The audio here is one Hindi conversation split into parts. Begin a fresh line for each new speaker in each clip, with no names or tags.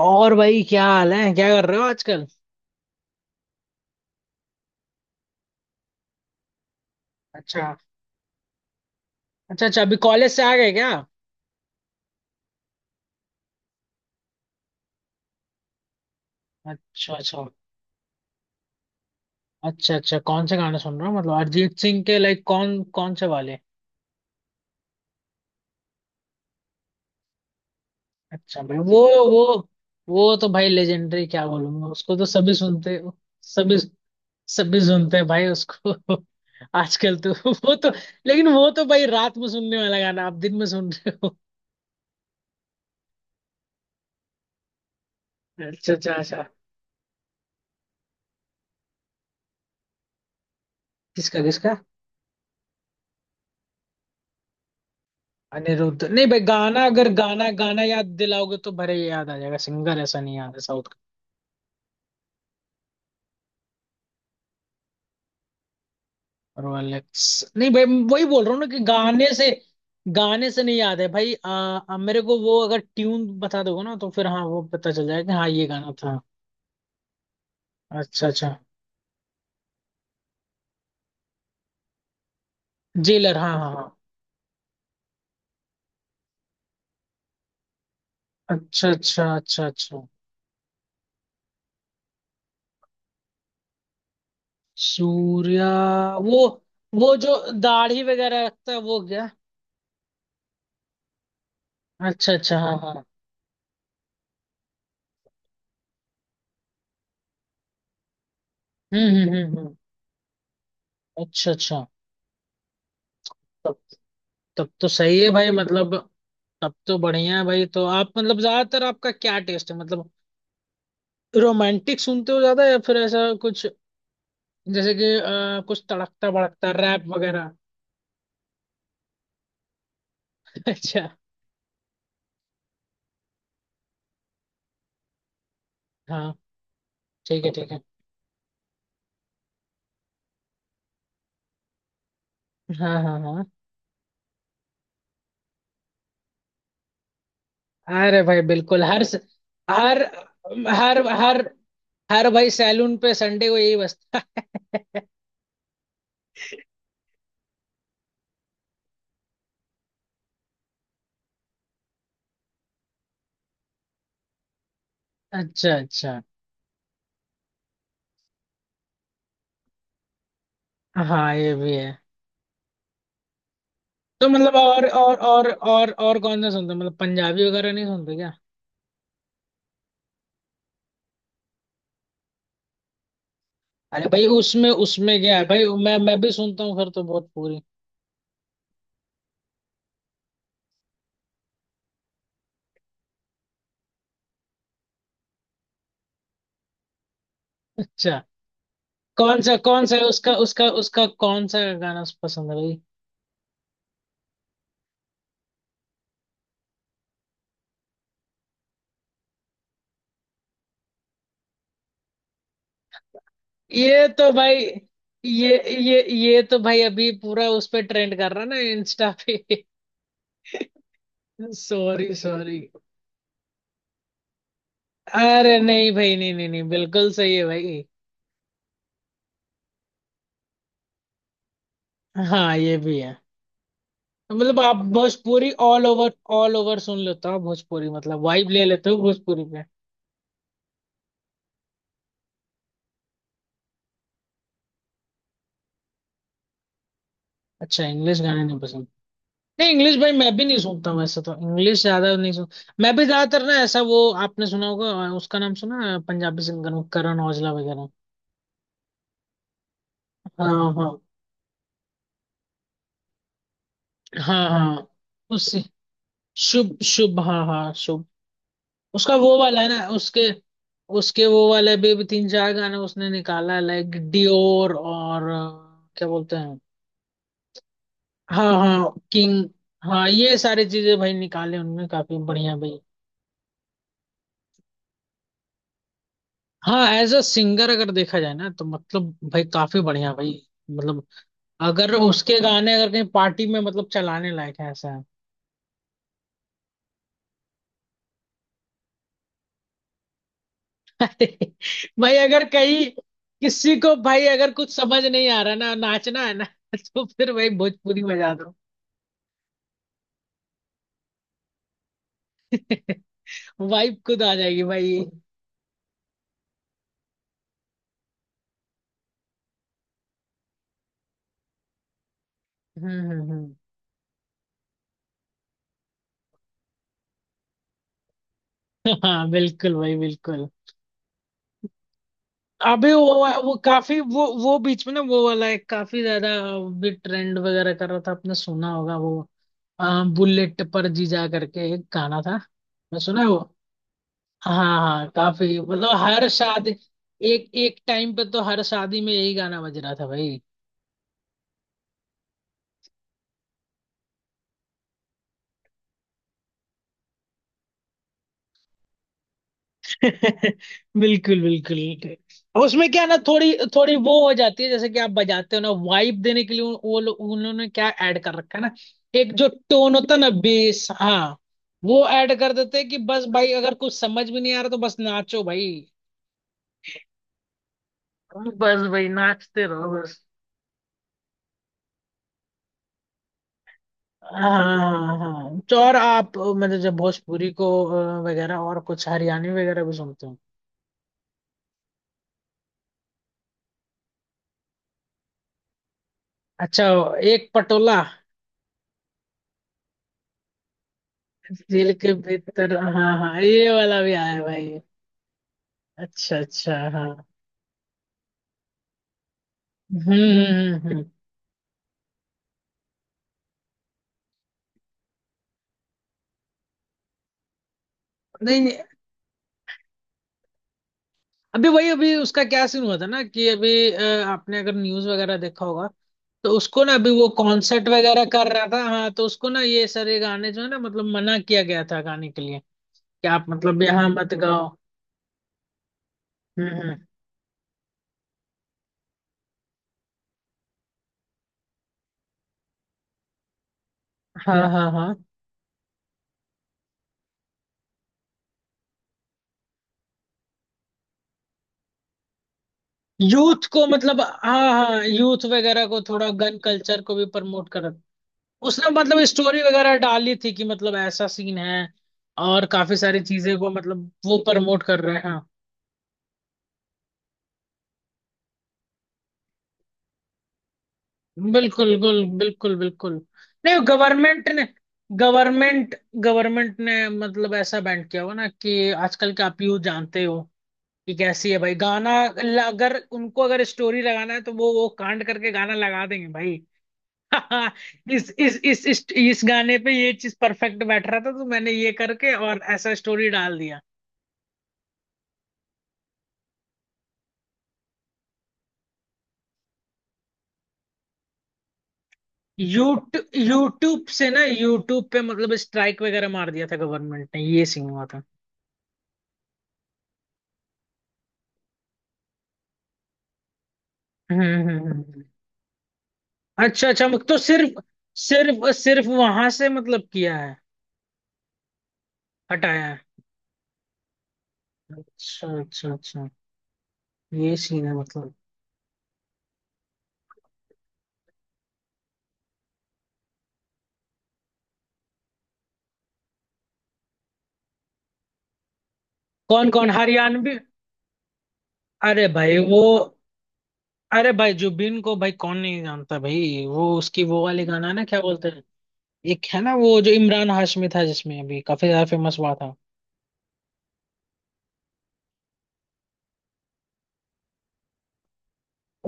और भाई, क्या हाल है? क्या कर रहे हो आजकल? अच्छा। अच्छा अच्छा अभी कॉलेज से आ गए क्या? अच्छा अच्छा। अच्छा अच्छा कौन से गाने सुन रहे हो मतलब अरिजीत सिंह के लाइक कौन कौन से वाले? अच्छा भाई वो। वो वो तो भाई लेजेंडरी क्या बोलूंगा, उसको तो सभी सुनते। सभी। सभी सुनते हैं भाई उसको आजकल तो। वो तो। लेकिन वो तो भाई रात में सुनने वाला गाना आप दिन में सुन रहे हो। अच्छा अच्छा अच्छा। किसका किसका? अनिरुद्ध नहीं भाई, गाना अगर गाना गाना याद दिलाओगे तो भरे ये याद आ जाएगा, सिंगर ऐसा नहीं याद है साउथ का। रोलेक्स। नहीं भाई। वही बोल रहा हूँ ना कि गाने से। गाने से नहीं याद है भाई। आ, आ, मेरे को वो अगर ट्यून बता दोगे ना तो फिर हाँ वो पता चल जाएगा कि हाँ ये गाना था। अच्छा अच्छा। जेलर, हाँ हाँ हाँ। अच्छा अच्छा अच्छा अच्छा। सूर्या। वो। वो जो दाढ़ी वगैरह रखता है वो, क्या? अच्छा अच्छा हाँ हाँ। हम्म हम्म हम्म हम्म। अच्छा अच्छा। तब। तब तो सही है भाई, मतलब तब तो बढ़िया है भाई। तो आप मतलब ज्यादातर आपका क्या टेस्ट है मतलब? रोमांटिक सुनते हो ज्यादा या फिर ऐसा कुछ? जैसे कि कुछ तड़कता भड़कता रैप वगैरह? अच्छा। हाँ ठीक है ठीक है। हाँ हाँ हाँ। अरे भाई बिल्कुल, हर हर हर हर हर भाई सैलून पे संडे को यही बजता है। अच्छा अच्छा। हाँ ये भी है। तो मतलब और कौन सा सुनते हो मतलब, पंजाबी वगैरह नहीं सुनते क्या? अरे भाई, उसमें उसमें क्या है भाई, मैं भी सुनता हूँ फिर तो बहुत पूरी। अच्छा। कौन सा है उसका उसका उसका कौन सा गाना पसंद है भाई? ये तो भाई, ये तो भाई अभी पूरा उस पे ट्रेंड कर रहा है ना इंस्टा पे। Sorry sorry. अरे नहीं भाई, नहीं नहीं नहीं बिल्कुल सही है भाई। हाँ ये भी है। मतलब आप Bhojpuri all over. All over सुन लेते हो आप भोजपुरी मतलब, वाइब ले लेते हो भोजपुरी पे? अच्छा, इंग्लिश गाने नहीं पसंद? नहीं इंग्लिश भाई मैं भी नहीं सुनता हूँ ऐसा, तो इंग्लिश ज्यादा नहीं सुन। मैं भी ज्यादातर ना ऐसा, वो आपने सुना होगा उसका नाम सुना है पंजाबी सिंगर, वो करण औजला वगैरह? हाँ हाँ। हाँ हाँ। उससे। शुभ शुभ हाँ हाँ शुभ। उसका वो वाला है ना उसके उसके वो वाले भी तीन चार गाने उसने निकाला है, लाइक डियोर और क्या बोलते हैं? हाँ हाँ किंग। हाँ ये सारी चीजें भाई निकाले उनने, काफी बढ़िया भाई। हाँ, एज अ सिंगर अगर देखा जाए ना तो मतलब भाई काफी बढ़िया भाई। मतलब अगर उसके गाने अगर कहीं पार्टी में मतलब चलाने लायक है, ऐसा है। अरे भाई अगर कहीं किसी को भाई अगर कुछ समझ नहीं आ रहा ना, नाचना है ना? तो फिर भाई भोजपुरी बजा दो। वाइब खुद आ जाएगी भाई। हम्म। हाँ बिल्कुल भाई, बिल्कुल। अभी वो काफी, वो बीच में ना वो वाला एक काफी ज्यादा भी ट्रेंड वगैरह कर रहा था, आपने सुना होगा वो? हाँ, बुलेट पर जीजा करके एक गाना था। मैं सुना है वो। हाँ हाँ, काफी मतलब हर शादी। एक एक टाइम पे तो हर शादी में यही गाना बज रहा था भाई। बिल्कुल बिल्कुल। अब उसमें क्या ना थोड़ी थोड़ी वो हो जाती है, जैसे कि आप बजाते हो ना वाइब देने के लिए, वो लोग उन्होंने क्या ऐड कर रखा है ना, एक जो टोन होता है ना, बेस हाँ। वो ऐड कर देते हैं कि बस भाई अगर कुछ समझ भी नहीं आ रहा तो बस नाचो भाई। बस भाई नाचते रहो। हाँ हाँ, तो और आप मतलब जब भोजपुरी को वगैरह और कुछ हरियाणवी वगैरह भी सुनते हो? अच्छा, एक पटोला। दिल के भीतर, हाँ हाँ ये वाला भी आया है भाई। अच्छा अच्छा हाँ। हम्म हम्म हम्म, हम्म। नहीं नहीं, अभी वही अभी उसका क्या सीन हुआ था ना कि अभी आपने अगर न्यूज वगैरह देखा होगा तो उसको ना अभी वो कॉन्सर्ट वगैरह कर रहा था हाँ, तो उसको ना ये सारे गाने जो है ना मतलब मना किया गया था गाने के लिए कि आप मतलब यहाँ मत गाओ। हम्म। हाँ हाँ हाँ यूथ को मतलब, हाँ हाँ यूथ वगैरह को थोड़ा गन कल्चर को भी प्रमोट कर। उसने मतलब स्टोरी वगैरह डाली थी कि मतलब ऐसा सीन है, और काफी सारी चीजें को मतलब वो प्रमोट कर रहे हैं हाँ। बिल्कुल बिल्कुल बिल्कुल बिल्कुल। नहीं गवर्नमेंट ने। गवर्नमेंट गवर्नमेंट ने मतलब ऐसा बैंड किया हुआ ना कि आजकल के आप यूथ जानते हो कि कैसी है भाई गाना। अगर उनको अगर स्टोरी लगाना है तो वो कांड करके गाना लगा देंगे भाई। हाँ, इस गाने पे ये चीज परफेक्ट बैठ रहा था तो मैंने ये करके और ऐसा स्टोरी डाल दिया। यूट्यूब यूट्यूब से ना यूट्यूब पे मतलब स्ट्राइक वगैरह मार दिया था गवर्नमेंट ने, ये सीन हुआ था। हम्म हम्म, हम्म। अच्छा अच्छा, तो सिर्फ। सिर्फ सिर्फ वहां से मतलब किया है, हटाया है? अच्छा अच्छा अच्छा, ये सीन है मतलब। कौन कौन हरियाणवी? अरे भाई वो। अरे भाई जुबिन को भाई कौन नहीं जानता भाई, वो उसकी वो वाले गाना ना क्या बोलते हैं? एक है ना वो, जो इमरान हाशमी था जिसमें अभी काफी ज्यादा फेमस हुआ था।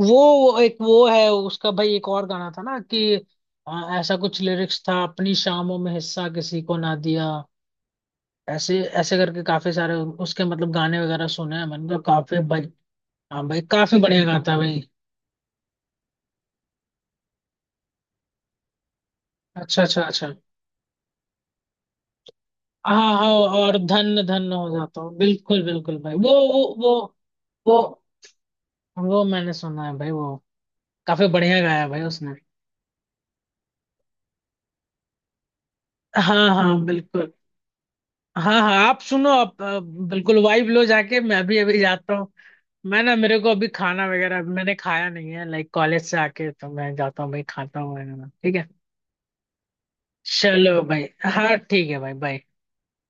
वो वो एक वो है उसका भाई, एक और गाना था ना कि ऐसा कुछ लिरिक्स था, अपनी शामों में हिस्सा किसी को ना दिया। ऐसे ऐसे करके काफी सारे उसके मतलब गाने वगैरह सुने हैं मैंने तो काफी भाई। हाँ भाई काफी बढ़िया गाता है भाई। अच्छा अच्छा अच्छा। हाँ हाँ। और धन धन हो जाता हूँ, बिल्कुल बिल्कुल भाई वो। वो। वो। वो वो मैंने सुना है भाई, वो काफी बढ़िया गाया है भाई उसने। हाँ हाँ बिल्कुल। हाँ हाँ आप सुनो, आप बिल्कुल वाइब लो जाके, मैं भी अभी जाता हूँ। मैं ना मेरे को अभी खाना वगैरह मैंने खाया नहीं है लाइक कॉलेज से आके, तो मैं जाता हूँ भाई खाता हूँ वगैरह ठीक है। चलो भाई। हाँ ठीक है भाई, बाय।